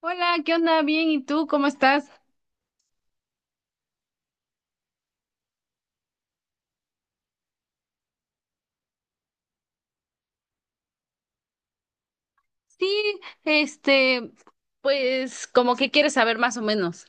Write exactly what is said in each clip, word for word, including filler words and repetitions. Hola, ¿qué onda? Bien, ¿y tú cómo estás? Sí, este, pues como que quieres saber más o menos.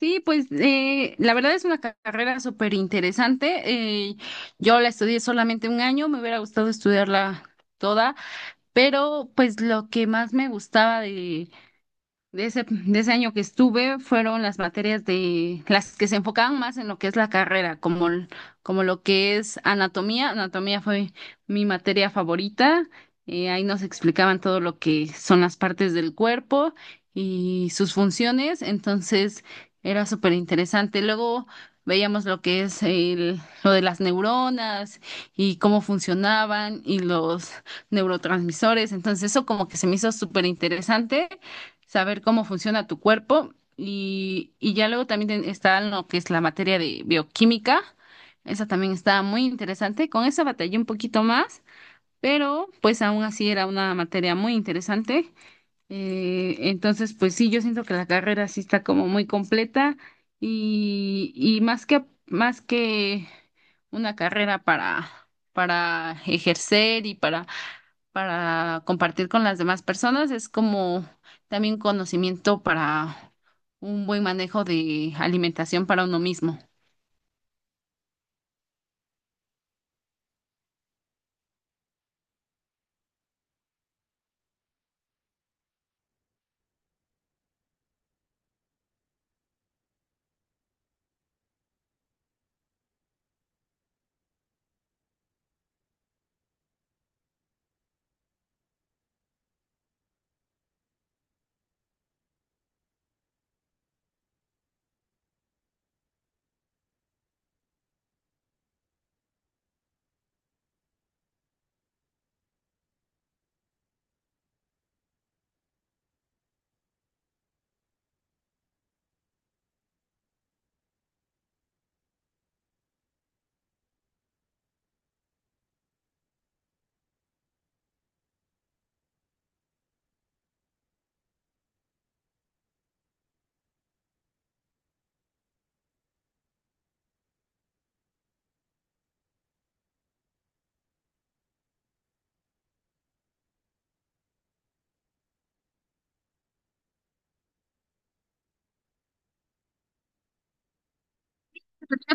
Sí, pues eh, la verdad es una ca- carrera súper interesante. eh, yo la estudié solamente un año, me hubiera gustado estudiarla toda, pero pues lo que más me gustaba de de ese, de ese año que estuve fueron las materias de las que se enfocaban más en lo que es la carrera, como, l- como lo que es anatomía. Anatomía fue mi materia favorita. Eh, ahí nos explicaban todo lo que son las partes del cuerpo y sus funciones. Entonces era súper interesante. Luego veíamos lo que es el, lo de las neuronas y cómo funcionaban y los neurotransmisores. Entonces eso como que se me hizo súper interesante saber cómo funciona tu cuerpo y, y ya luego también ten- está lo que es la materia de bioquímica. Esa también está muy interesante. Con esa batallé un poquito más, pero pues aún así era una materia muy interesante. Eh, entonces, pues sí, yo siento que la carrera sí está como muy completa y, y más que, más que una carrera para, para ejercer y para para compartir con las demás personas, es como también conocimiento para un buen manejo de alimentación para uno mismo.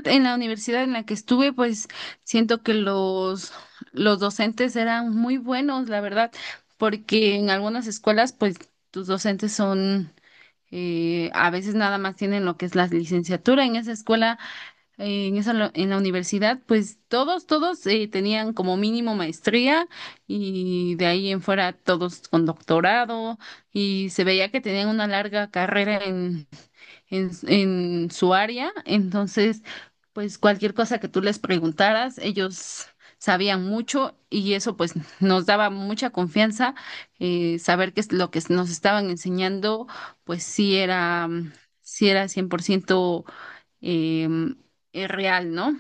En la universidad en la que estuve, pues siento que los, los docentes eran muy buenos, la verdad, porque en algunas escuelas, pues tus docentes son, eh, a veces nada más tienen lo que es la licenciatura. En esa escuela eh, en esa, lo- en la universidad, pues todos, todos eh, tenían como mínimo maestría y de ahí en fuera todos con doctorado y se veía que tenían una larga carrera en, en, en su área. Entonces, pues cualquier cosa que tú les preguntaras, ellos sabían mucho y eso pues nos daba mucha confianza, eh, saber que es lo que nos estaban enseñando, pues sí era, mm, sí era cien por ciento em, eh, real, ¿no?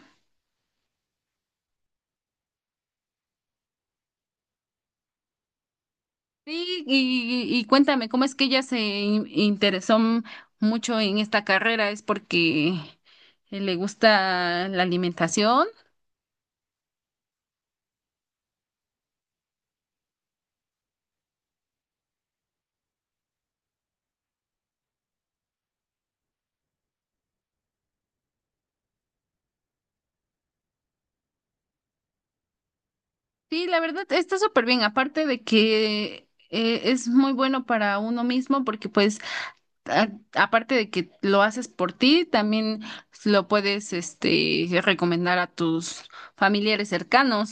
Sí, y, y cuéntame, ¿cómo es que ella se in- interesó m- mucho en esta carrera? ¿Es porque eh, le gusta la alimentación? Sí, la verdad está súper bien, aparte de que eh, es muy bueno para uno mismo porque pues a- aparte de que lo haces por ti, también lo puedes este recomendar a tus familiares cercanos.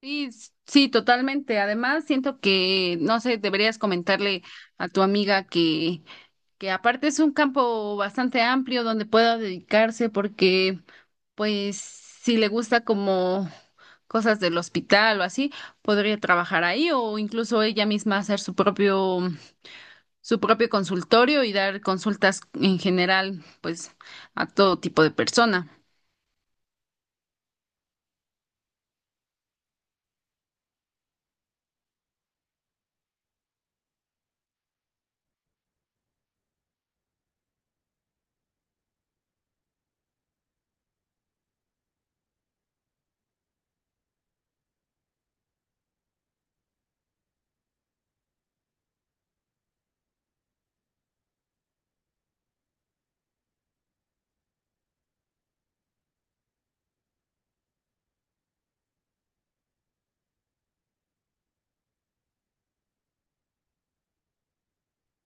Sí, s- sí, totalmente. Además, siento que, no sé, deberías comentarle a tu amiga que, que aparte es un campo bastante amplio donde pueda dedicarse porque, pues, si le gusta como cosas del hospital o así, podría trabajar ahí o incluso ella misma hacer su propio, su propio consultorio y dar consultas en general, pues, a todo tipo de persona.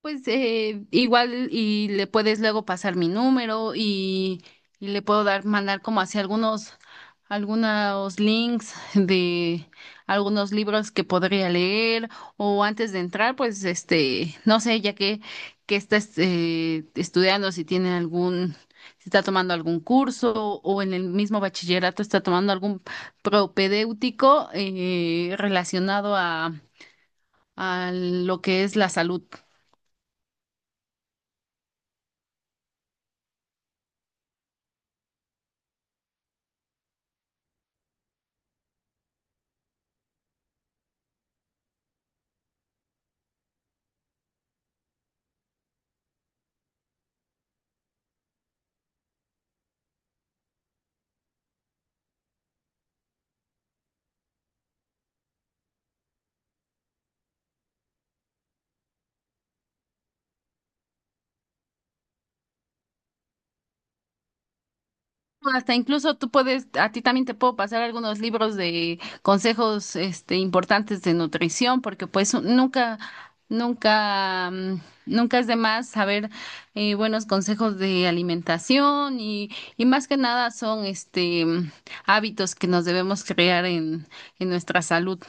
Pues eh, igual y le puedes luego pasar mi número y, y le puedo dar, mandar como hacia algunos, algunos links de algunos libros que podría leer o antes de entrar, pues este, no sé, ya que, que está este, estudiando, si tiene algún, si está tomando algún curso o en el mismo bachillerato está tomando algún propedéutico, eh, relacionado a, a lo que es la salud. No, hasta incluso tú puedes, a ti también te puedo pasar algunos libros de consejos, este, importantes de nutrición, porque pues nunca, nunca, mm, nunca es de más saber, eh, buenos consejos de alimentación y, y más que nada son, este, mm, hábitos que nos debemos crear en, en nuestra salud.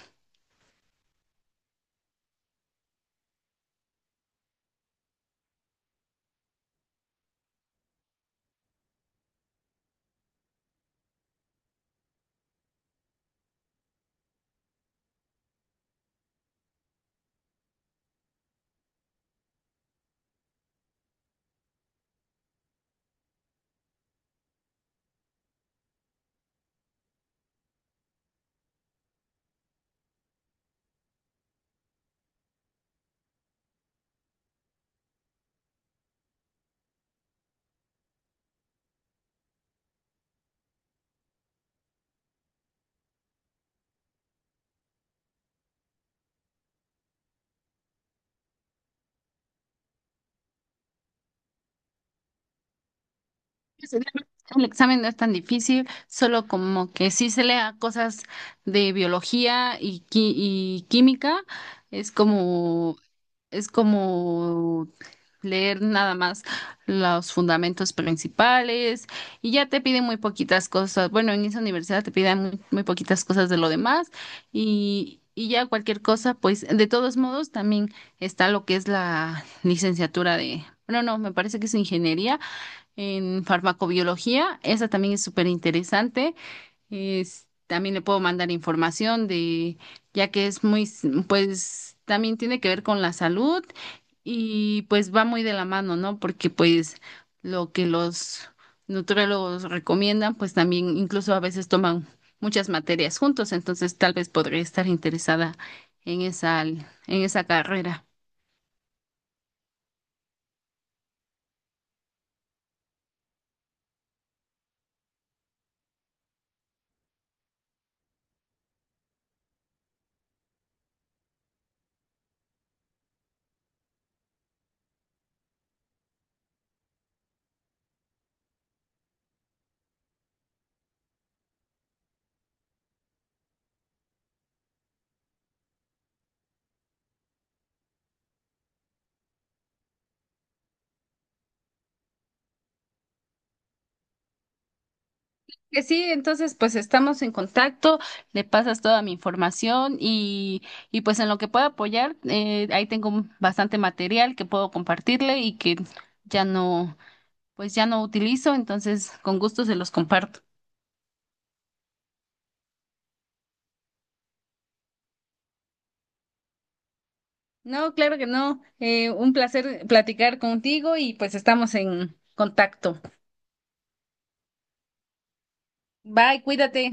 El examen no es tan difícil, solo como que sí se lea cosas de biología y, qui- y química. Es como Es como leer nada más los fundamentos principales y ya te piden muy poquitas cosas. Bueno, en esa universidad te piden muy, muy poquitas cosas de lo demás y, y ya cualquier cosa, pues de todos modos también está lo que es la licenciatura de... Bueno, no, me parece que es ingeniería en farmacobiología. Esa también es súper interesante, es, también le puedo mandar información de, ya que es muy, s- pues también tiene que ver con la salud y pues va muy de la mano, ¿no? Porque pues lo que los nutriólogos recomiendan, pues también incluso a veces toman muchas materias juntos, entonces tal vez podría estar interesada en esa, en esa carrera. Que sí, entonces pues estamos en contacto, le pasas toda mi información y, y pues en lo que pueda apoyar, eh, ahí tengo bastante material que puedo compartirle y que ya no, pues ya no utilizo, entonces con gusto se los comparto. No, claro que no, eh, un placer platicar contigo y pues estamos en contacto. Bye, cuídate.